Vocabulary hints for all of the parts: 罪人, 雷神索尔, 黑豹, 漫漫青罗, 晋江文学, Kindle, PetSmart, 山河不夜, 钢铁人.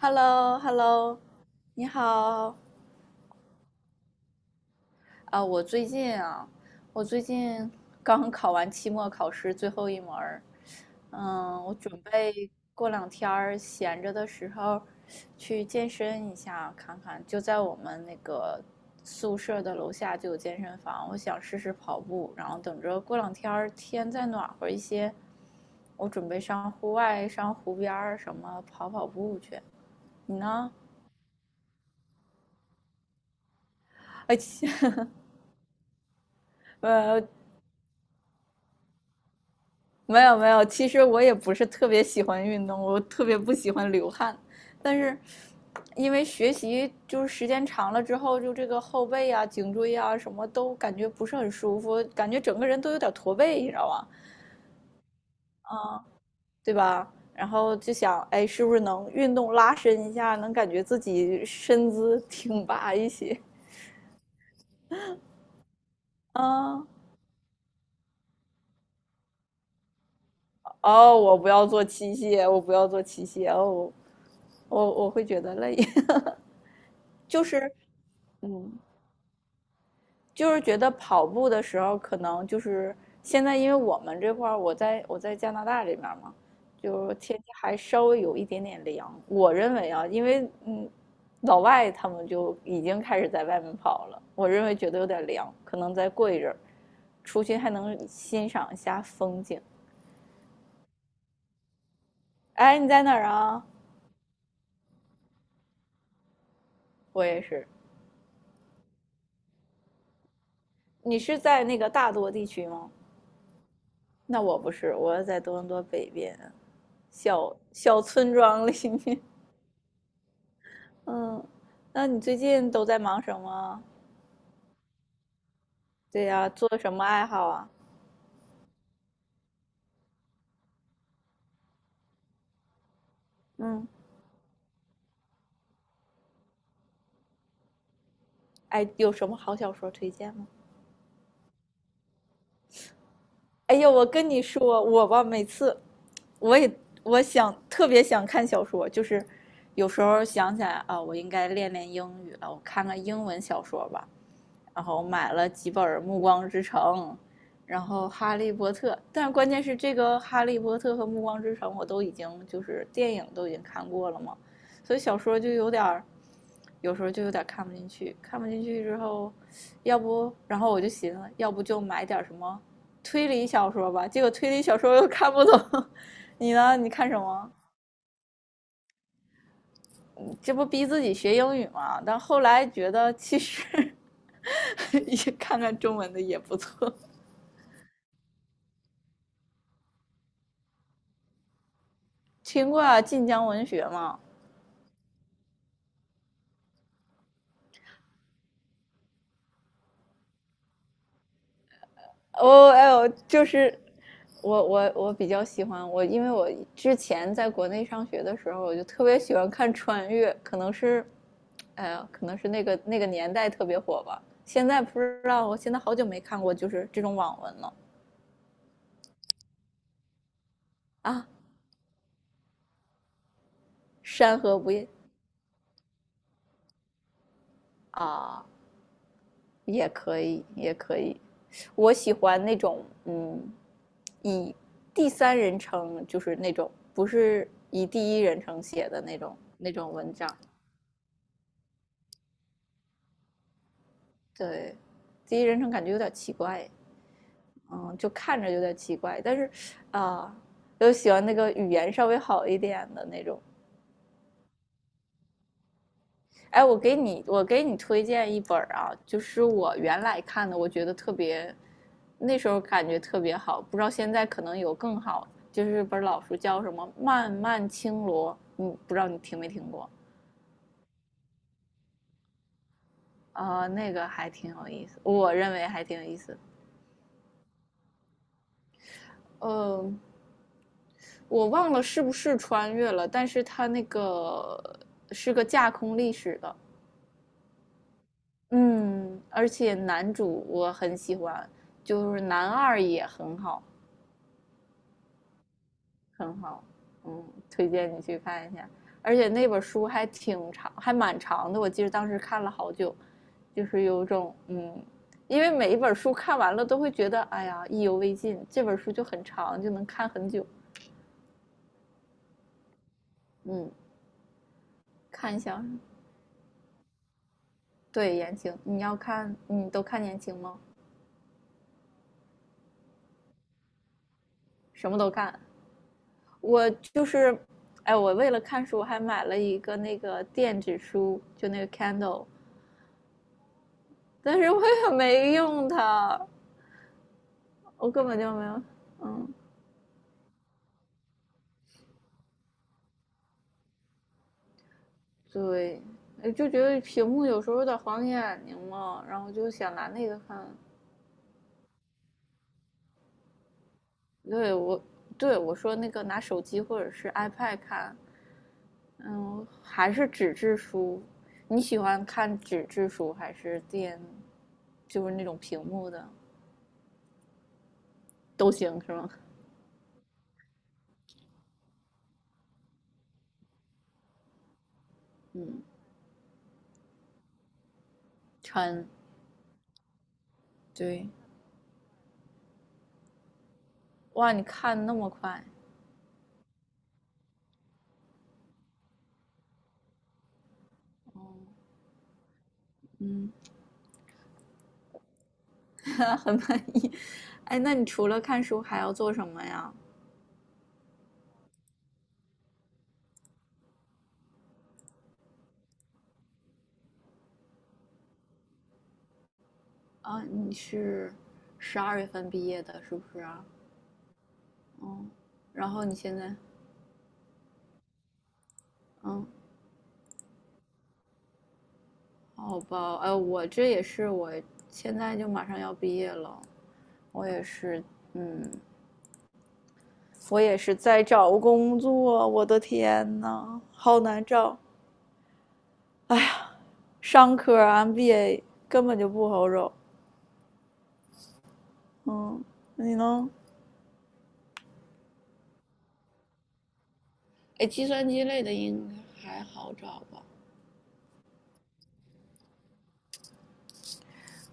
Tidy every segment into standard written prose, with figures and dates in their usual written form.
h e l l o h e l l o 你好啊！我最近啊，我最近刚考完期末考试最后一门儿，嗯，我准备过两天儿闲着的时候去健身一下，看看就在我们那个宿舍的楼下就有健身房，我想试试跑步，然后等着过两天儿天再暖和一些，我准备上户外、上湖边儿什么跑跑步去。你呢？哎，呃，没有没有，其实我也不是特别喜欢运动，我特别不喜欢流汗，但是因为学习就是时间长了之后，就这个后背啊、颈椎啊什么都感觉不是很舒服，感觉整个人都有点驼背，你知道吗？对吧？然后就想，哎，是不是能运动拉伸一下，能感觉自己身姿挺拔一些啊？哦，我不要做器械，我不要做器械，哦，我会觉得累，就是嗯。就是觉得跑步的时候，可能就是现在，因为我们这块儿，我在加拿大这边嘛，就是天气还稍微有一点点凉。我认为啊，因为老外他们就已经开始在外面跑了，我认为觉得有点凉，可能再过一阵儿，出去还能欣赏一下风景。哎，你在哪儿啊？我也是。你是在那个大多地区吗？那我不是，我在多伦多北边小小村庄里面。嗯，那你最近都在忙什么？对呀，做什么爱好啊？嗯，哎，有什么好小说推荐吗？哎呀，我跟你说，我吧，每次我也我特别想看小说，就是有时候想起来啊，我应该练练英语了，我看看英文小说吧。然后买了几本《暮光之城》，然后《哈利波特》，但是关键是这个《哈利波特》和《暮光之城》我都已经就是电影都已经看过了嘛，所以小说就有点儿，有时候就有点看不进去，看不进去之后，要不然后我就寻思，要不就买点什么推理小说吧，结果推理小说又看不懂。你呢？你看什么？这不逼自己学英语吗？但后来觉得其实 看看中文的也不错。听过啊，晋江文学吗？哦，哎呦，就是我比较喜欢因为我之前在国内上学的时候，我就特别喜欢看穿越，可能是，哎呀，可能是那个年代特别火吧。现在不知道，我现在好久没看过就是这种网文了啊，《山河不夜》啊，也可以，也可以。我喜欢那种，嗯，以第三人称，就是那种不是以第一人称写的那种文章。对，第一人称感觉有点奇怪，嗯，就看着有点奇怪。但是，啊、呃又喜欢那个语言稍微好一点的那种，哎，我给你推荐一本啊，就是我原来看的，我觉得特别，那时候感觉特别好，不知道现在可能有更好，就是本老书叫什么《漫漫青罗》，嗯，不知道你听没听过？啊？那个还挺有意思，我认为还挺有意思。呃，我忘了是不是穿越了，但是它那个是个架空历史的，嗯，而且男主我很喜欢，就是男二也很好。很好，嗯，推荐你去看一下。而且那本书还挺长，还蛮长的，我记得当时看了好久，就是有种嗯，因为每一本书看完了都会觉得哎呀意犹未尽，这本书就很长，就能看很久。嗯，看一下，对言情，你要看你都看言情吗？什么都看，我就是，哎，我为了看书还买了一个那个电子书，就那个 Kindle,但是我也没用它，我根本就没有，嗯，对，哎就觉得屏幕有时候有点晃眼睛嘛，然后就想拿那个看。对我，对我说那个拿手机或者是 iPad 看，嗯，还是纸质书。你喜欢看纸质书还是电，就是那种屏幕的都行是吗？嗯，穿对，哇，你看那么快，哦，嗯，很满意。哎，那你除了看书还要做什么呀？啊，你是12月份毕业的，是不是啊？嗯，然后你现在，嗯，好吧，我这也是，我现在就马上要毕业了，我也是，嗯，我也是在找工作，我的天呐，好难找，哎呀，商科 MBA 根本就不好找，嗯，你呢？哎，计算机类的应该还好找吧？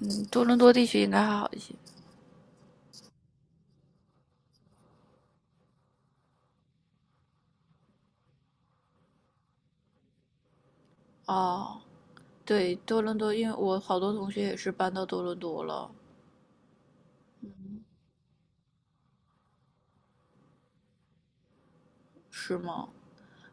嗯，多伦多地区应该还好一些。哦，对，多伦多，因为我好多同学也是搬到多伦多了，是吗？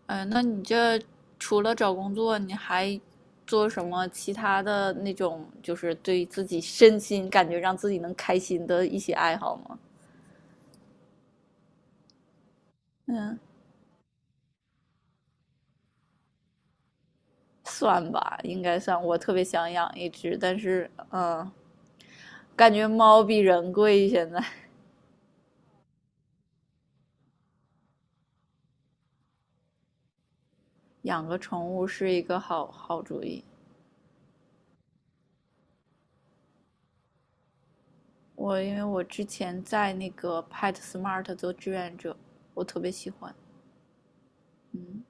哎，那你除了找工作，你还做什么其他的那种，就是对自己身心感觉让自己能开心的一些爱好吗？嗯，算吧，应该算。我特别想养一只，但是，嗯，感觉猫比人贵，现在 养个宠物是一个好好主意。因为我之前在那个 PetSmart 做志愿者，我特别喜欢。嗯，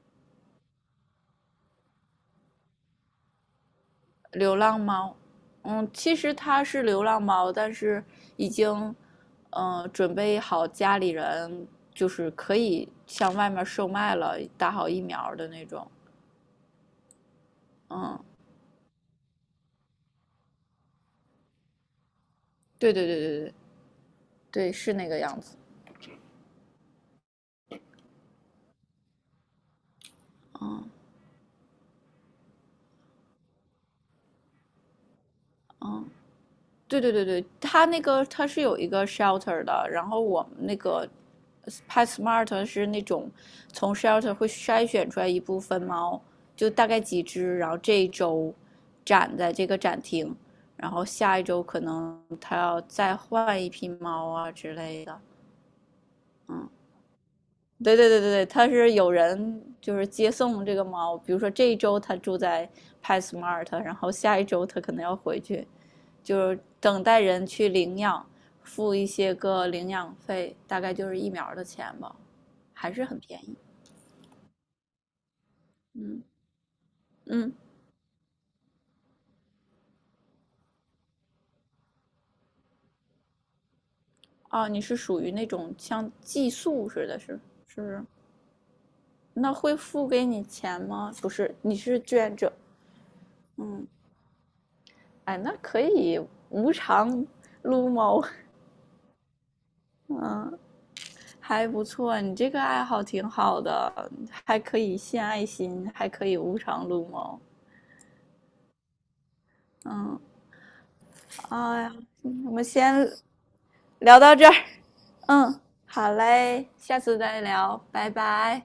流浪猫，嗯，其实它是流浪猫，但是已经，准备好家里人就是可以向外面售卖了，打好疫苗的那种。嗯，对对对对对对，是那个样子。嗯。对，它那个它是有一个 shelter 的，然后我们那个 Pet Smart 是那种从 shelter 会筛选出来一部分猫，就大概几只，然后这一周展在这个展厅，然后下一周可能它要再换一批猫啊之类的，嗯。对，他是有人就是接送这个猫，比如说这一周他住在 PetSmart,然后下一周他可能要回去，就是等待人去领养，付一些个领养费，大概就是疫苗的钱吧，还是很便宜。嗯嗯，啊，你是属于那种像寄宿似的是，是不是？那会付给你钱吗？不是，你是志愿者。嗯，哎，那可以无偿撸猫。嗯。还不错，你这个爱好挺好的，还可以献爱心，还可以无偿撸猫。嗯，哎呀，我们先聊到这儿。嗯，好嘞，下次再聊，拜拜。